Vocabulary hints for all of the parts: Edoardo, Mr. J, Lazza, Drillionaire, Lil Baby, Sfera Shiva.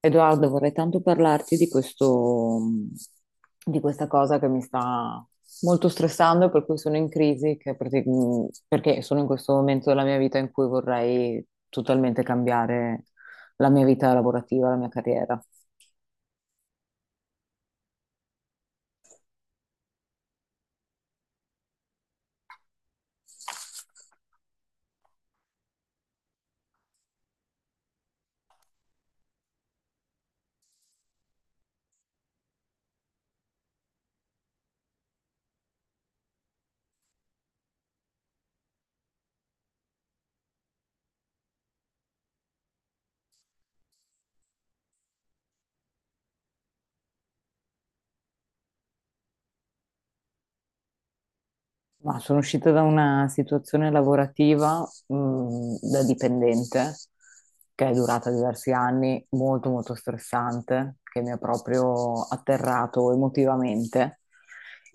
Edoardo, vorrei tanto parlarti di questo, di questa cosa che mi sta molto stressando, e per cui sono in crisi, perché sono in questo momento della mia vita in cui vorrei totalmente cambiare la mia vita lavorativa, la mia carriera. Ma sono uscita da una situazione lavorativa, da dipendente che è durata diversi anni, molto molto stressante, che mi ha proprio atterrato emotivamente.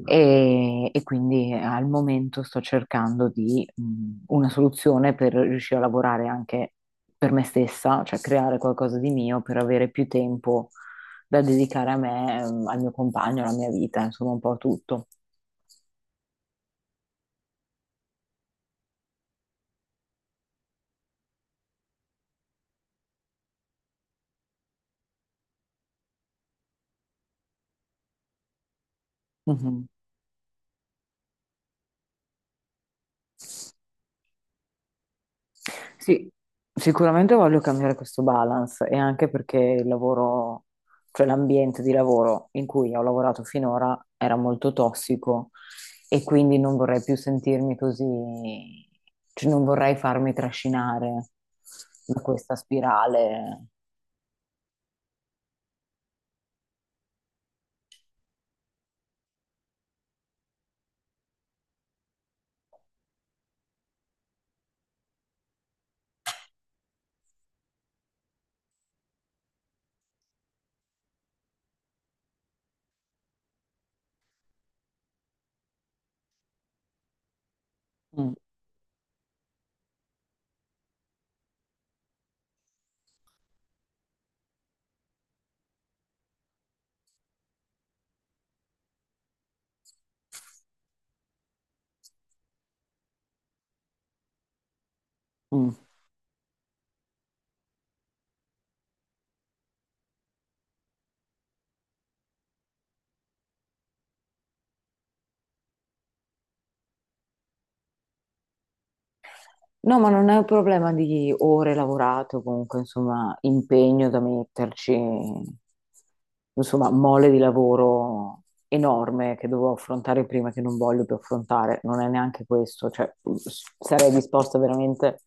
E quindi al momento sto cercando di una soluzione per riuscire a lavorare anche per me stessa, cioè creare qualcosa di mio per avere più tempo da dedicare a me, al mio compagno, alla mia vita, insomma un po' a tutto. Sì, sicuramente voglio cambiare questo balance e anche perché il lavoro, cioè l'ambiente di lavoro in cui ho lavorato finora era molto tossico e quindi non vorrei più sentirmi così, cioè non vorrei farmi trascinare da questa spirale. Mm, mm. No, ma non è un problema di ore lavorate o comunque, insomma, impegno da metterci, insomma, mole di lavoro enorme che dovevo affrontare prima che non voglio più affrontare. Non è neanche questo, cioè sarei disposta veramente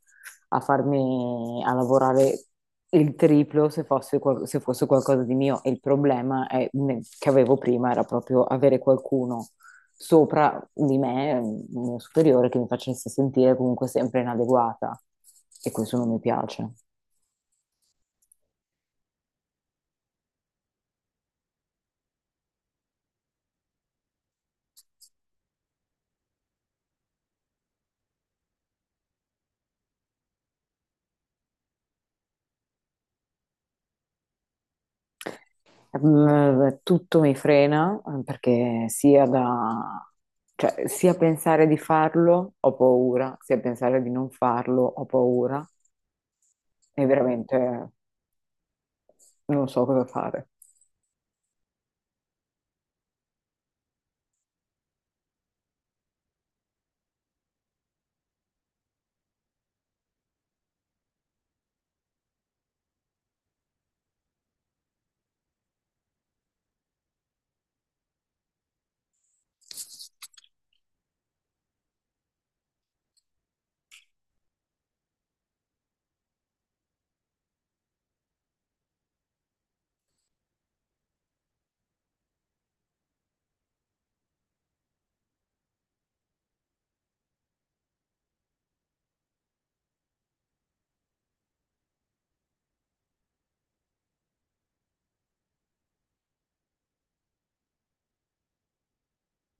a farmi, a lavorare il triplo se fosse, se fosse qualcosa di mio. E il problema che avevo prima era proprio avere qualcuno sopra di me, un mio superiore, che mi facesse sentire comunque sempre inadeguata e questo non mi piace. Mm. Tutto mi frena perché cioè, sia pensare di farlo ho paura, sia pensare di non farlo ho paura e veramente non so cosa fare.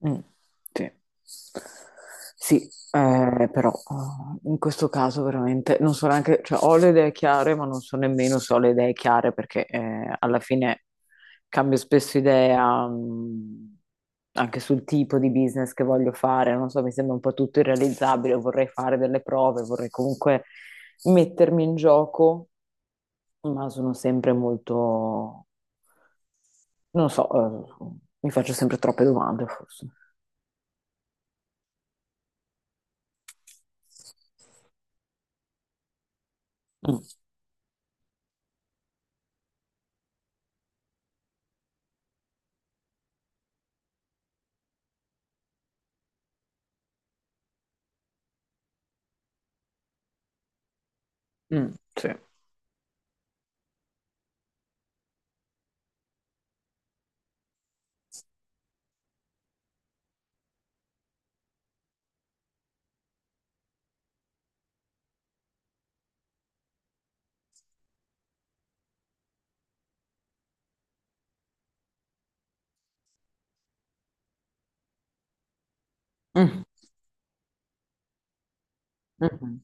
Mm, sì. Sì, però in questo caso veramente non so neanche, cioè ho le idee chiare, ma non so nemmeno se ho le idee chiare perché alla fine cambio spesso idea anche sul tipo di business che voglio fare, non so, mi sembra un po' tutto irrealizzabile, vorrei fare delle prove, vorrei comunque mettermi in gioco, ma sono sempre molto, non so, mi faccio sempre troppe domande forse. Mm, mm, sì. Mm. Mhm.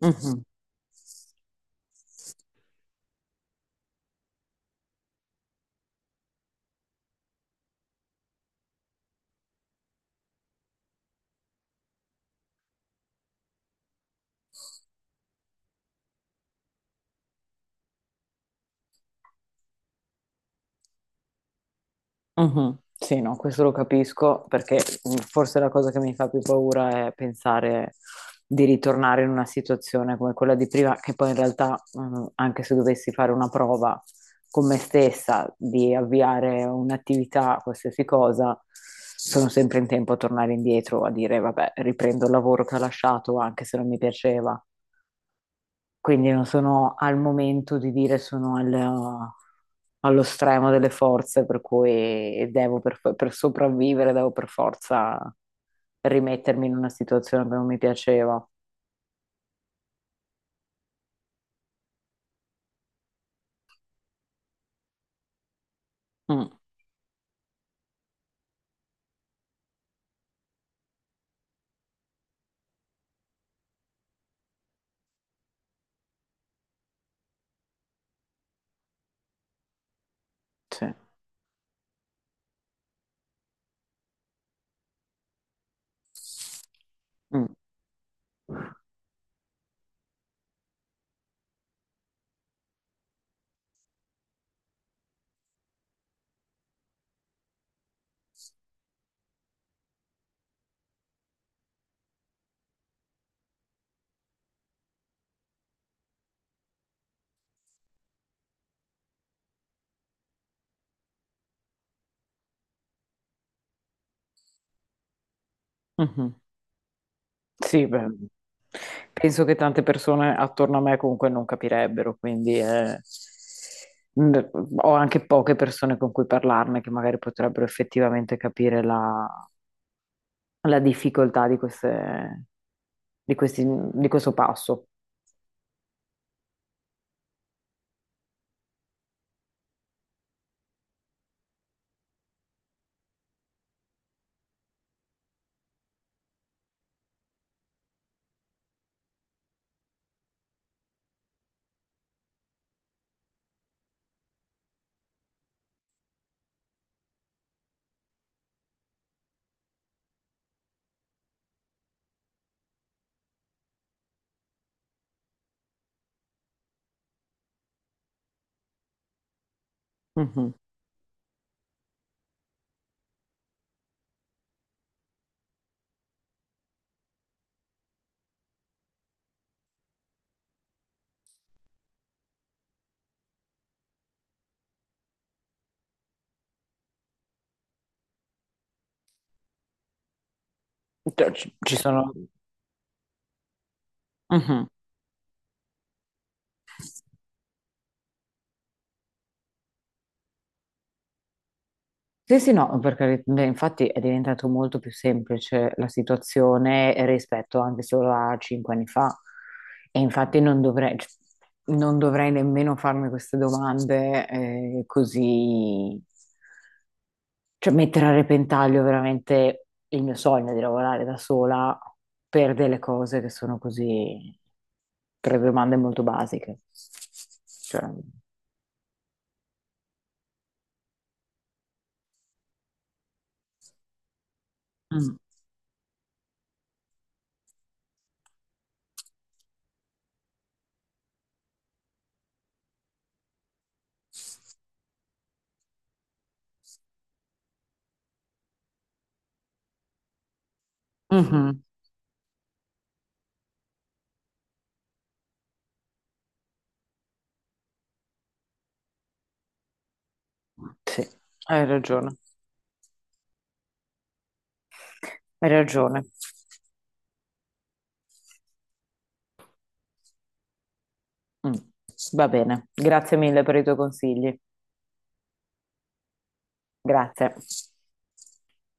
Mhm. Mhm. Sì, no, questo lo capisco perché forse la cosa che mi fa più paura è pensare di ritornare in una situazione come quella di prima, che poi in realtà, anche se dovessi fare una prova con me stessa di avviare un'attività, qualsiasi cosa, sono sempre in tempo a tornare indietro, a dire, vabbè, riprendo il lavoro che ho lasciato, anche se non mi piaceva. Quindi non sono al momento di dire sono allo stremo delle forze, per cui devo per sopravvivere, devo per forza rimettermi in una situazione che non mi piaceva. Mm, sì. Mm. Mhm. Sì, beh, penso che tante persone attorno a me comunque non capirebbero, quindi mh, ho anche poche persone con cui parlarne che magari potrebbero effettivamente capire la la difficoltà di queste, di questi, di questo passo. Mhm. Cioè, ci sono. Mhm. Sì, sì, no, perché beh, infatti è diventato molto più semplice la situazione rispetto anche solo a 5 anni fa. E infatti non dovrei, cioè, non dovrei nemmeno farmi queste domande così. Cioè, mettere a repentaglio veramente il mio sogno di lavorare da sola per delle cose che sono così, per domande molto basiche. Cioè, mm, mhm, sì. Hai ragione. Hai ragione. Mm, va bene, grazie mille per i tuoi consigli. Grazie.